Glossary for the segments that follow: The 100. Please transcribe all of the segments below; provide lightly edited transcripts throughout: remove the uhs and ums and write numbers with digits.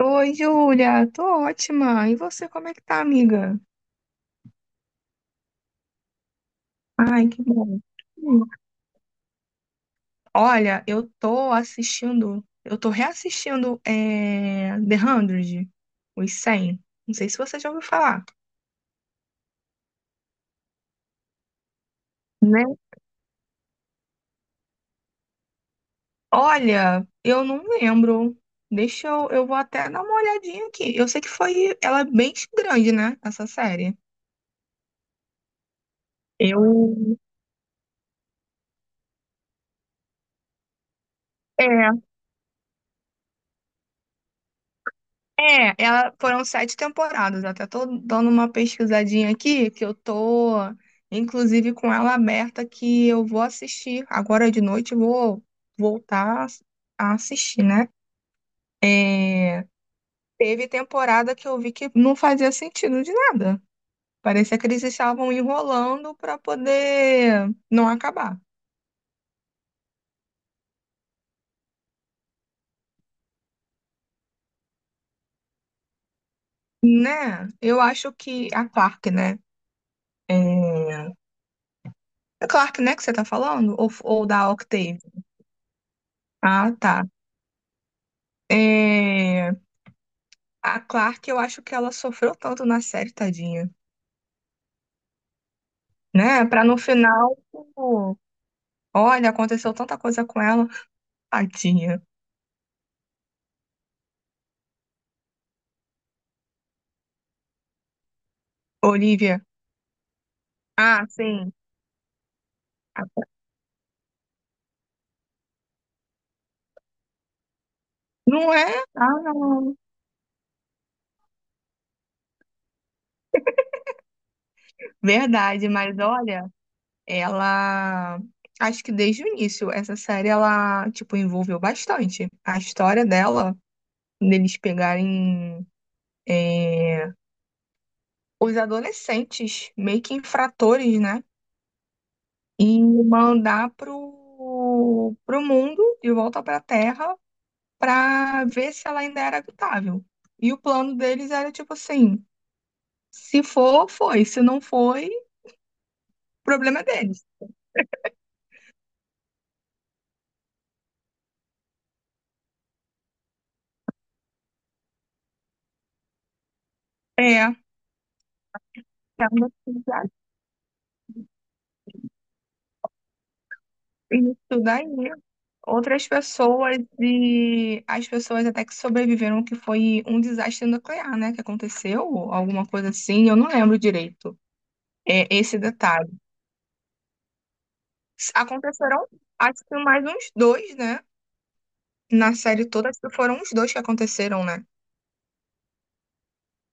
Oi, Júlia, tô ótima. E você, como é que tá, amiga? Ai, que bom. Hum. Olha, eu tô reassistindo The 100, os 100. Não sei se você já ouviu falar, né? Olha, eu não lembro. Deixa eu, vou até dar uma olhadinha aqui. Eu sei que foi, ela é bem grande, né, essa série. Eu, é, É, ela, foram 7 temporadas. Até tô dando uma pesquisadinha aqui, inclusive, com ela aberta, que eu vou assistir. Agora de noite eu vou voltar a assistir, né? É, Teve temporada que eu vi que não fazia sentido de nada. Parecia que eles estavam enrolando para poder não acabar, né? Eu acho que a Clark, né? É... A Clark, né, que você tá falando? Ou da Octave? Ah, tá. É, A Clark, eu acho que ela sofreu tanto na série, tadinha, né? Pra no final, pô, olha, aconteceu tanta coisa com ela, tadinha. Olivia. Ah, sim. Ah, não é? Ah, não. Verdade, mas olha, ela. Acho que desde o início, essa série, ela, tipo, envolveu bastante. A história dela, deles pegarem. é, Os adolescentes, meio que infratores, né? E mandar pro mundo, de volta para a Terra, para ver se ela ainda era habitável. E o plano deles era tipo assim: se for, foi, se não foi, problema é deles. É, tendo que isso daí. Outras pessoas e as pessoas até que sobreviveram, que foi um desastre nuclear, né? Que aconteceu, alguma coisa assim, eu não lembro direito, esse detalhe. Aconteceram, acho que mais uns dois, né? Na série toda foram os dois que aconteceram, né?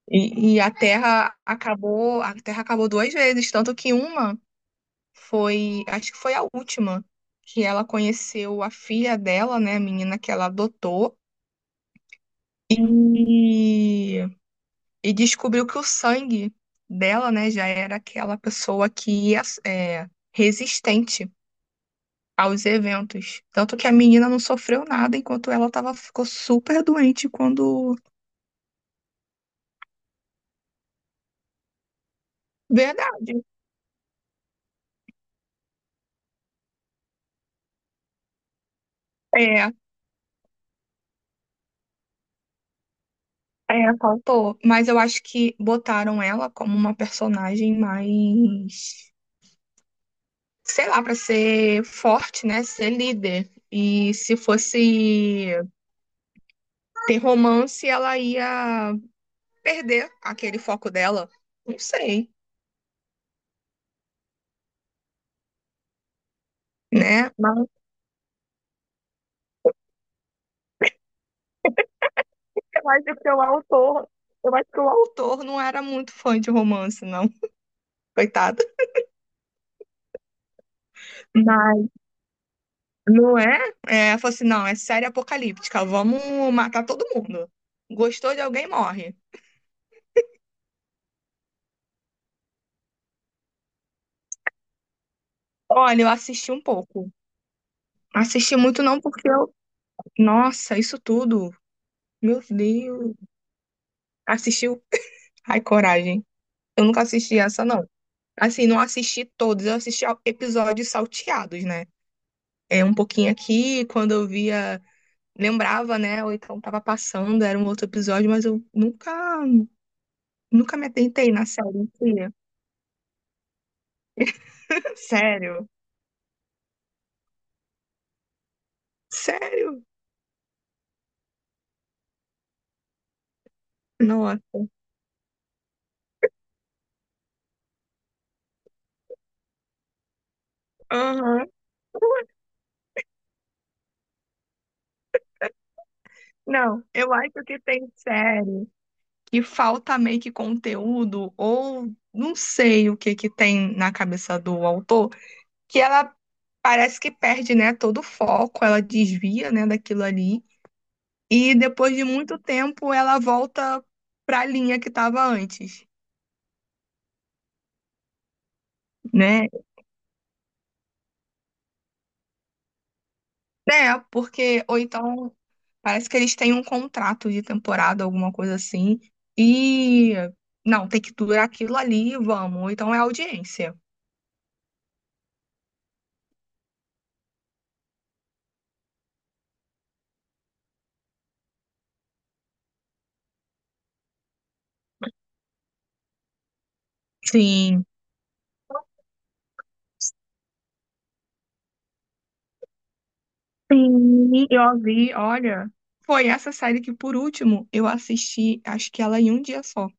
E a Terra acabou 2 vezes, tanto que uma foi, acho que foi a última, que ela conheceu a filha dela, né, a menina que ela adotou, e, e descobriu que o sangue dela, né, já era aquela pessoa que é resistente aos eventos. Tanto que a menina não sofreu nada enquanto ela tava, ficou super doente quando. Verdade. É, É, faltou. Mas eu acho que botaram ela como uma personagem mais, sei lá, pra ser forte, né? Ser líder. E se fosse ter romance, ela ia perder aquele foco dela. Não sei, né? Mas eu acho que o autor, eu acho que o autor não era muito fã de romance, não. Coitado. Mas não é? É, falou assim, não, é série apocalíptica, vamos matar todo mundo. Gostou de alguém, morre. Olha, eu assisti um pouco. Assisti muito não porque eu... Nossa, isso tudo. Meu Deus. Assistiu? Ai, coragem. Eu nunca assisti essa, não. Assim, não assisti todos. Eu assisti episódios salteados, né? É um pouquinho aqui, quando eu via... Lembrava, né? Ou então tava passando, era um outro episódio, mas eu nunca... Nunca me atentei na série em si. Sério? Sério? Nossa. Aham. Não, eu acho que tem série que falta meio que conteúdo, ou não sei o que que tem na cabeça do autor, que ela parece que perde, né, todo o foco, ela desvia, né, daquilo ali, e depois de muito tempo ela volta para a linha que estava antes, né? É, porque, ou então, parece que eles têm um contrato de temporada, alguma coisa assim, e não, tem que durar aquilo ali, vamos, ou então é audiência. Sim. Sim, eu vi, olha. Foi essa série que, por último, eu assisti, acho que ela em um dia só.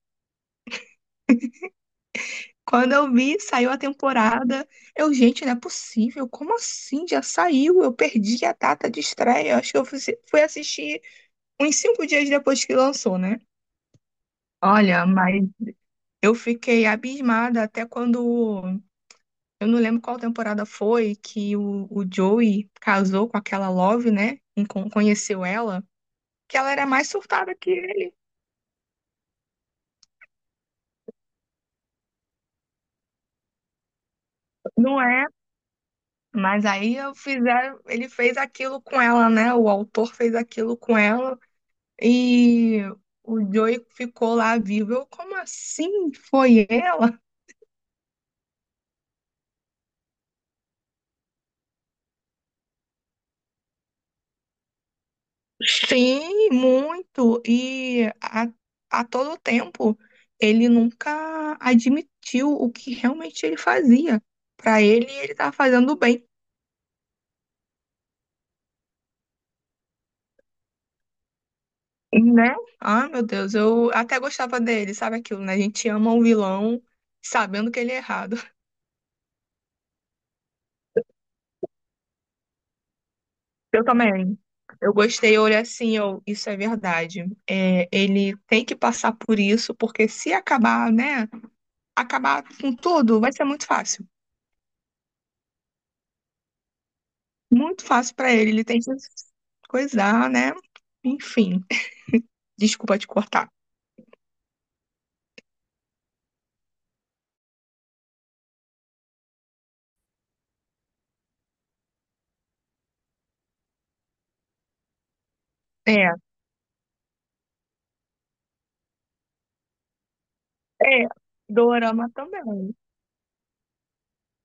Quando eu vi, saiu a temporada. Eu, gente, não é possível. Como assim? Já saiu? Eu perdi a data de estreia. Acho que eu fui assistir uns 5 dias depois que lançou, né? Olha, mas eu fiquei abismada até quando. Eu não lembro qual temporada foi que o Joey casou com aquela Love, né? Conheceu ela. Que ela era mais surtada que ele. Não é? Ele fez aquilo com ela, né? O autor fez aquilo com ela e o Joey ficou lá vivo. Eu, como assim? Foi ela? Sim, muito. A todo tempo ele nunca admitiu o que realmente ele fazia. Pra ele, ele tava fazendo bem, né? Ah, meu Deus, eu até gostava dele, sabe aquilo, né? A gente ama um vilão sabendo que ele é errado. Eu também. Eu gostei, eu olhei assim, eu, isso é verdade. É, ele tem que passar por isso, porque se acabar, né, acabar com tudo, vai ser muito fácil. Muito fácil pra ele, ele tem que coisar, né? Enfim, desculpa te cortar. É, é, Dorama também.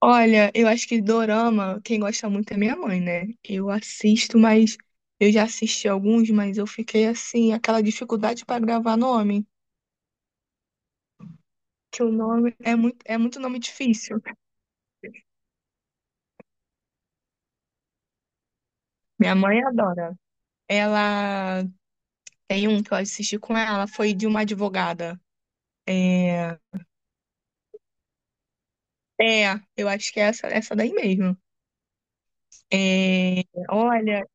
Olha, eu acho que Dorama, quem gosta muito é minha mãe, né? Eu assisto, mas eu já assisti alguns, mas eu fiquei assim, aquela dificuldade pra gravar nome. Que o nome é muito nome difícil. Minha mãe adora. Ela tem um que eu assisti com ela, foi de uma advogada. É, é, eu acho que é essa, essa daí mesmo. É, olha,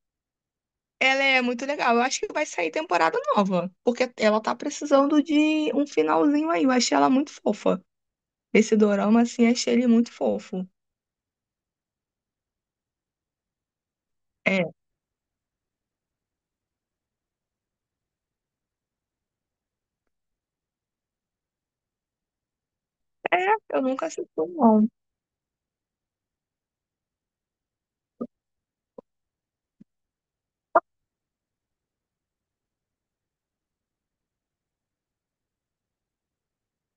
ela é muito legal. Eu acho que vai sair temporada nova, porque ela tá precisando de um finalzinho aí. Eu achei ela muito fofa. Esse dorama, assim, achei ele muito fofo. É, eu nunca assisti um, não.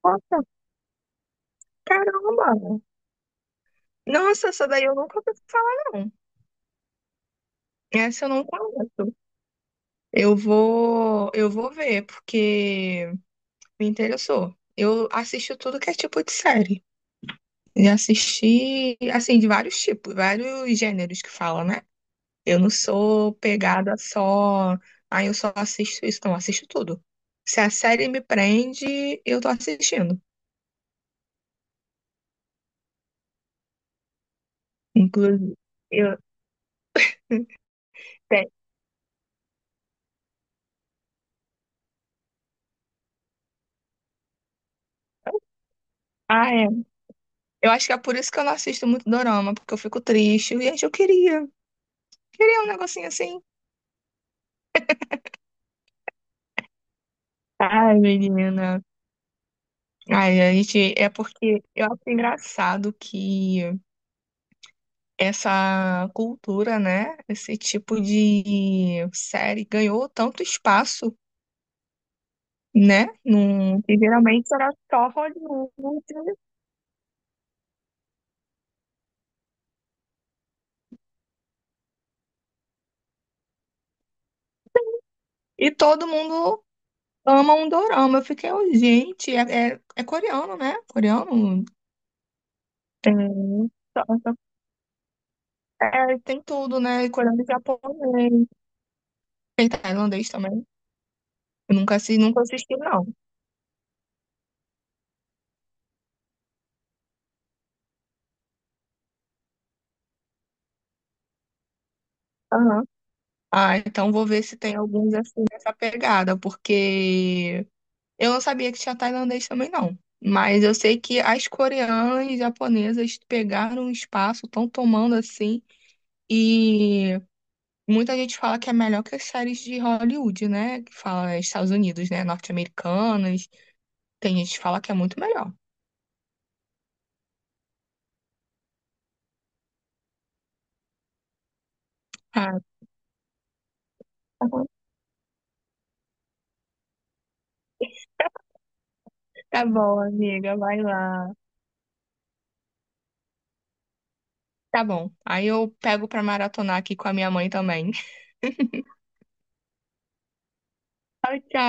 Nossa, caramba! Nossa, essa daí eu nunca ouvi falar, não. Essa eu não conheço. Eu vou ver, porque me interessou. Eu assisto tudo que é tipo de série. E assisti, assim, de vários tipos, vários gêneros que falam, né? Eu não sou pegada só, ah, eu só assisto isso, não, eu assisto tudo. Se a série me prende, eu tô assistindo. Inclusive, eu, tem- ah, é. Eu acho que é por isso que eu não assisto muito dorama, porque eu fico triste. Gente, queria um negocinho assim. Ai, menina. Ai, a gente, é porque eu acho engraçado que essa cultura, né, esse tipo de série ganhou tanto espaço, que geralmente era só Hollywood e todo mundo ama um dorama. Eu fiquei, oh, gente, é coreano, né? Coreano tem, só- só- tem tudo, né? Coreano e japonês, tem tailandês também. Eu nunca, assi- nunca assisti, não. Aham. Ah, então vou ver se tem alguns assim nessa pegada, porque eu não sabia que tinha tailandês também não. Mas eu sei que as coreanas e japonesas pegaram um espaço, estão tomando assim, e muita gente fala que é melhor que as séries de Hollywood, né? Que fala Estados Unidos, né? Norte-americanas. Tem gente que fala que é muito melhor. Ah, tá bom. Tá bom, amiga, vai lá. Tá bom. Aí eu pego pra maratonar aqui com a minha mãe também. Tchau, tchau.